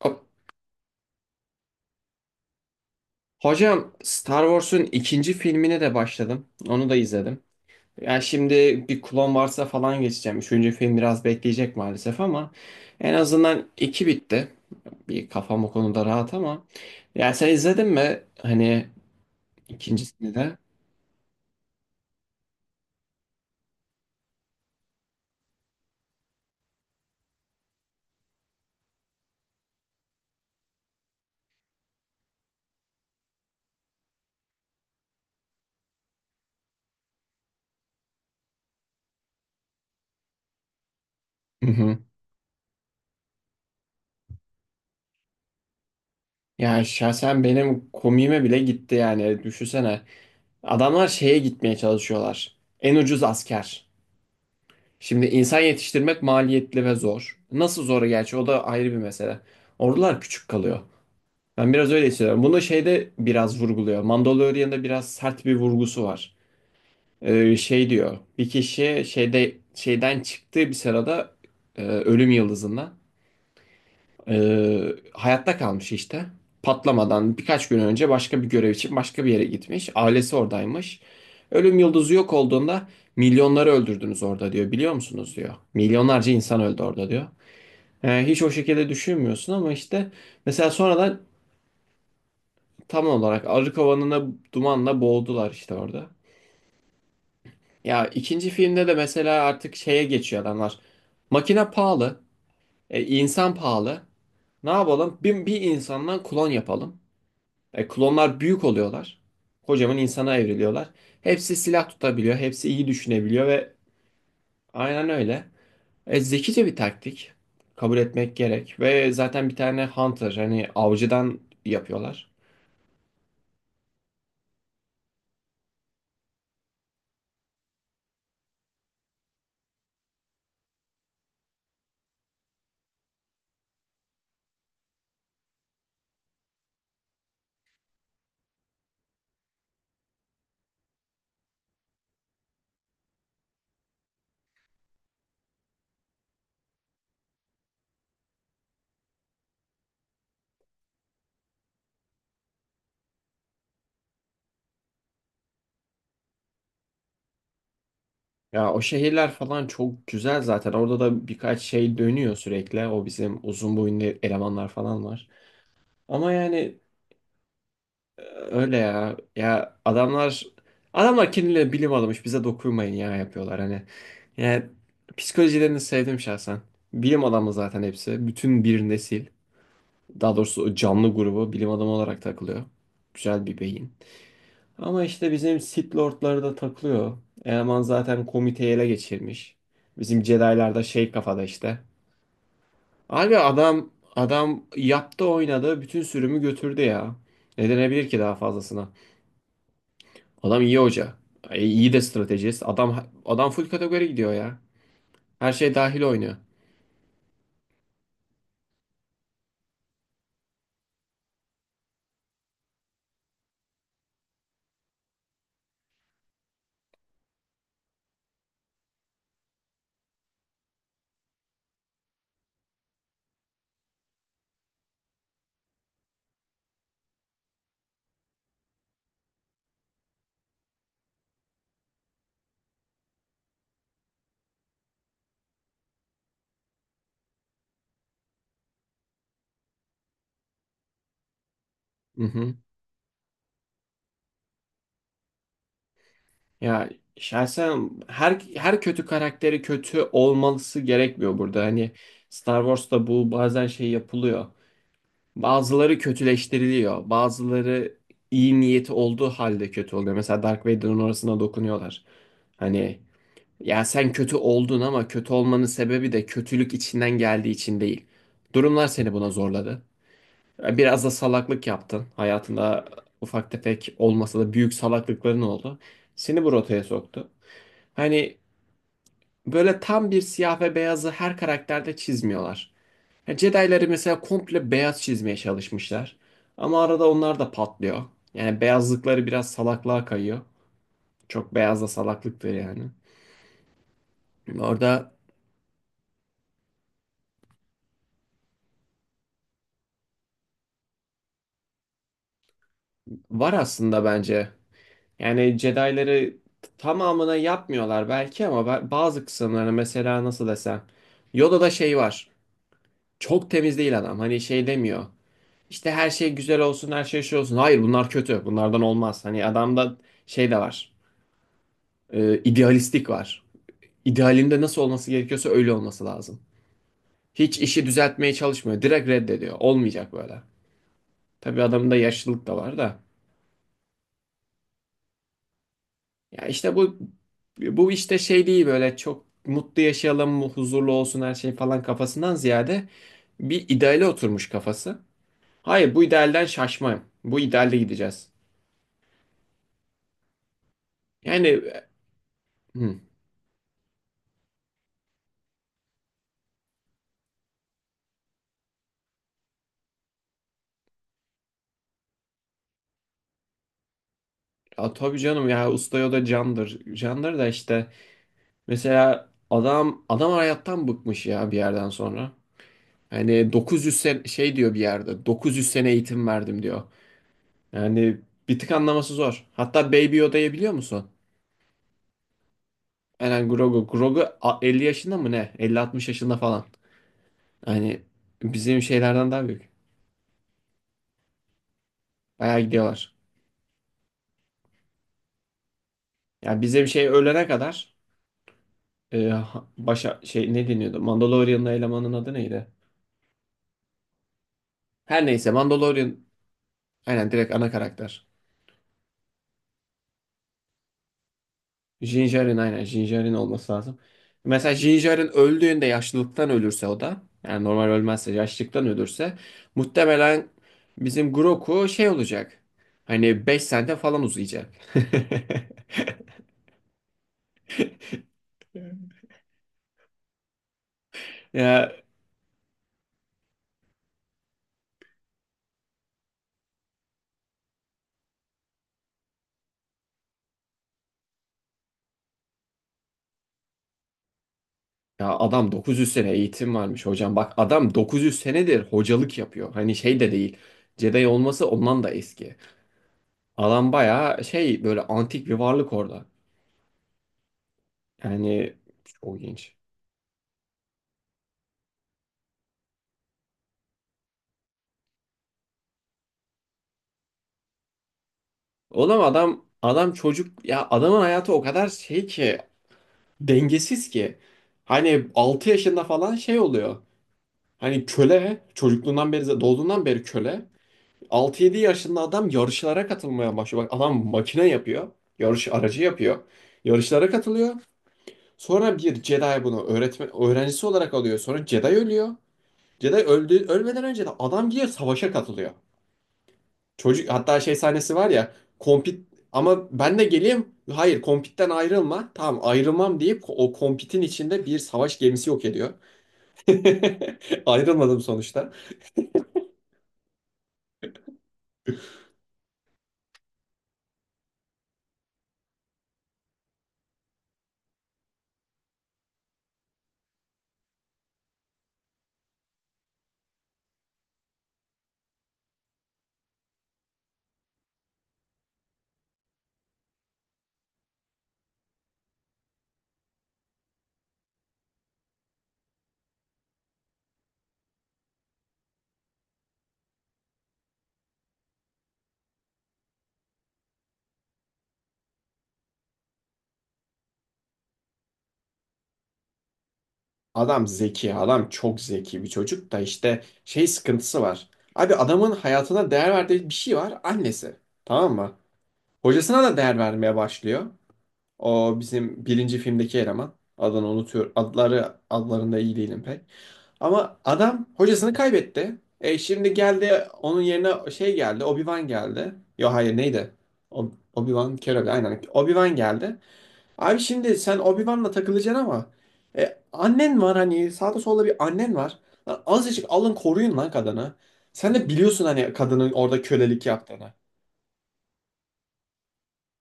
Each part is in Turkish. Hop. Hocam Star Wars'un ikinci filmine de başladım. Onu da izledim. Yani şimdi bir Clone Wars'a falan geçeceğim. Üçüncü film biraz bekleyecek maalesef ama en azından iki bitti. Bir kafam o konuda rahat ama. Ya sen izledin mi? Hani ikincisini de. Hı hı. Ya şahsen benim komiğime bile gitti yani. Düşünsene. Adamlar şeye gitmeye çalışıyorlar. En ucuz asker. Şimdi insan yetiştirmek maliyetli ve zor. Nasıl zor gerçi o da ayrı bir mesele. Ordular küçük kalıyor. Ben biraz öyle hissediyorum. Bunu şeyde biraz vurguluyor. Mandalorian'da biraz sert bir vurgusu var. Şey diyor. Bir kişi şeyde şeyden çıktığı bir sırada ölüm yıldızından hayatta kalmış işte. Patlamadan birkaç gün önce başka bir görev için başka bir yere gitmiş. Ailesi oradaymış. Ölüm yıldızı yok olduğunda milyonları öldürdünüz orada diyor. Biliyor musunuz diyor. Milyonlarca insan öldü orada diyor. Hiç o şekilde düşünmüyorsun ama işte mesela sonradan tam olarak arı kovanına dumanla boğdular işte orada. Ya ikinci filmde de mesela artık şeye geçiyor adamlar. Makine pahalı, insan pahalı. Ne yapalım? Bir insandan klon yapalım. Klonlar büyük oluyorlar. Kocaman insana evriliyorlar. Hepsi silah tutabiliyor. Hepsi iyi düşünebiliyor ve aynen öyle. Zekice bir taktik. Kabul etmek gerek. Ve zaten bir tane hunter hani avcıdan yapıyorlar. Ya o şehirler falan çok güzel zaten. Orada da birkaç şey dönüyor sürekli. O bizim uzun boyunlu elemanlar falan var. Ama yani öyle ya. Ya adamlar kendileri bilim adamıymış bize dokunmayın ya yapıyorlar hani. Yani psikolojilerini sevdim şahsen. Bilim adamı zaten hepsi. Bütün bir nesil. Daha doğrusu o canlı grubu bilim adamı olarak takılıyor. Güzel bir beyin. Ama işte bizim Sith Lord'ları da takılıyor. Eleman zaten komiteyi ele geçirmiş. Bizim Jedi'lar da şey kafada işte. Abi adam adam yaptı oynadı bütün sürümü götürdü ya. Ne denebilir ki daha fazlasına? Adam iyi hoca. İyi de stratejist. Adam adam full kategori gidiyor ya. Her şey dahil oynuyor. Hı hı. Ya şahsen her kötü karakteri kötü olması gerekmiyor burada. Hani Star Wars'ta bu bazen şey yapılıyor. Bazıları kötüleştiriliyor. Bazıları iyi niyeti olduğu halde kötü oluyor. Mesela Dark Vader'ın orasına dokunuyorlar. Hani ya sen kötü oldun ama kötü olmanın sebebi de kötülük içinden geldiği için değil. Durumlar seni buna zorladı. Biraz da salaklık yaptın. Hayatında ufak tefek olmasa da büyük salaklıkların oldu. Seni bu rotaya soktu. Hani böyle tam bir siyah ve beyazı her karakterde çizmiyorlar. Yani Jedi'ları mesela komple beyaz çizmeye çalışmışlar. Ama arada onlar da patlıyor. Yani beyazlıkları biraz salaklığa kayıyor. Çok beyaz da salaklıktır yani. Orada var aslında bence. Yani Jedi'ları tamamına yapmıyorlar belki ama bazı kısımlarını mesela nasıl desem. Yoda'da şey var. Çok temiz değil adam. Hani şey demiyor. İşte her şey güzel olsun, her şey şey olsun. Hayır bunlar kötü. Bunlardan olmaz. Hani adamda şey de var. İdealistik var. İdealinde nasıl olması gerekiyorsa öyle olması lazım. Hiç işi düzeltmeye çalışmıyor. Direkt reddediyor. Olmayacak böyle. Tabii adamın da yaşlılık da var da. Ya işte bu işte şey değil böyle çok mutlu yaşayalım, huzurlu olsun her şey falan kafasından ziyade bir ideale oturmuş kafası. Hayır bu idealden şaşmayın. Bu idealde gideceğiz. Yani hı, ya tabii canım ya usta o da candır. Candır da işte mesela adam adam hayattan bıkmış ya bir yerden sonra. Hani 900 şey diyor bir yerde 900 sene eğitim verdim diyor. Yani bir tık anlaması zor. Hatta Baby Yoda'yı biliyor musun? Eren Grogu. Grogu 50 yaşında mı ne? 50-60 yaşında falan. Yani bizim şeylerden daha büyük. Bayağı gidiyorlar. Yani bizim şey ölene kadar başa şey ne deniyordu? Mandalorian'ın elemanın adı neydi? Her neyse Mandalorian aynen direkt ana karakter. Din Djarin aynen Din Djarin olması lazım. Mesela Din Djarin öldüğünde yaşlılıktan ölürse o da yani normal ölmezse yaşlılıktan ölürse muhtemelen bizim Grogu şey olacak. Hani 5 sene falan uzayacak. Ya, ya adam 900 sene eğitim varmış hocam. Bak adam 900 senedir hocalık yapıyor. Hani şey de değil. Jedi olması ondan da eski. Adam bayağı şey böyle antik bir varlık orada. Yani çok ilginç. Oğlum adam adam çocuk ya adamın hayatı o kadar şey ki dengesiz ki. Hani 6 yaşında falan şey oluyor. Hani köle çocukluğundan beri doğduğundan beri köle. 6-7 yaşında adam yarışlara katılmaya başlıyor. Bak adam makine yapıyor. Yarış aracı yapıyor. Yarışlara katılıyor. Sonra bir Jedi bunu öğretmen öğrencisi olarak alıyor. Sonra Jedi ölüyor. Jedi öldü, ölmeden önce de adam gidiyor savaşa katılıyor. Çocuk hatta şey sahnesi var ya. Kompit ama ben de geleyim. Hayır kompitten ayrılma. Tamam ayrılmam deyip o kompitin içinde bir savaş gemisi yok ediyor. Ayrılmadım sonuçta. Adam zeki, adam çok zeki bir çocuk da işte şey sıkıntısı var. Abi adamın hayatına değer verdiği bir şey var, annesi. Tamam mı? Hocasına da değer vermeye başlıyor. O bizim birinci filmdeki eleman. Adını unutuyor. Adları adlarında iyi değilim pek. Ama adam hocasını kaybetti. E şimdi geldi onun yerine şey geldi. Obi-Wan geldi. Yo hayır neydi? Obi-Wan Kenobi aynen. Obi-Wan geldi. Abi şimdi sen Obi-Wan'la takılacaksın ama annen var hani sağda solda bir annen var. Lan azıcık alın koruyun lan kadını. Sen de biliyorsun hani kadının orada kölelik yaptığını.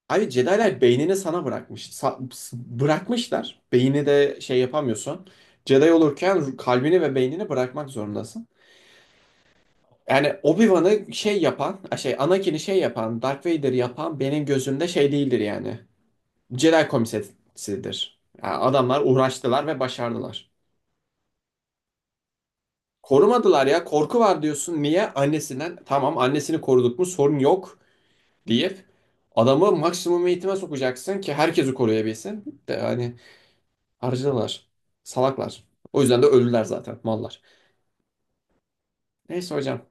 Abi Jedi'ler beynini sana bırakmış. Bırakmışlar. Beyni de şey yapamıyorsun. Jedi olurken kalbini ve beynini bırakmak zorundasın. Yani Obi-Wan'ı şey yapan, şey Anakin'i şey yapan, Darth Vader yapan benim gözümde şey değildir yani. Jedi komiserisidir. Yani adamlar uğraştılar ve başardılar. Korumadılar ya. Korku var diyorsun. Niye? Annesinden. Tamam annesini koruduk mu sorun yok deyip adamı maksimum eğitime sokacaksın ki herkesi koruyabilsin. De yani harcadılar. Salaklar. O yüzden de öldüler zaten mallar. Neyse hocam.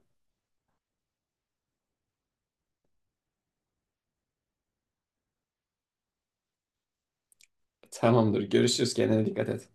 Tamamdır. Görüşürüz. Kendine dikkat et.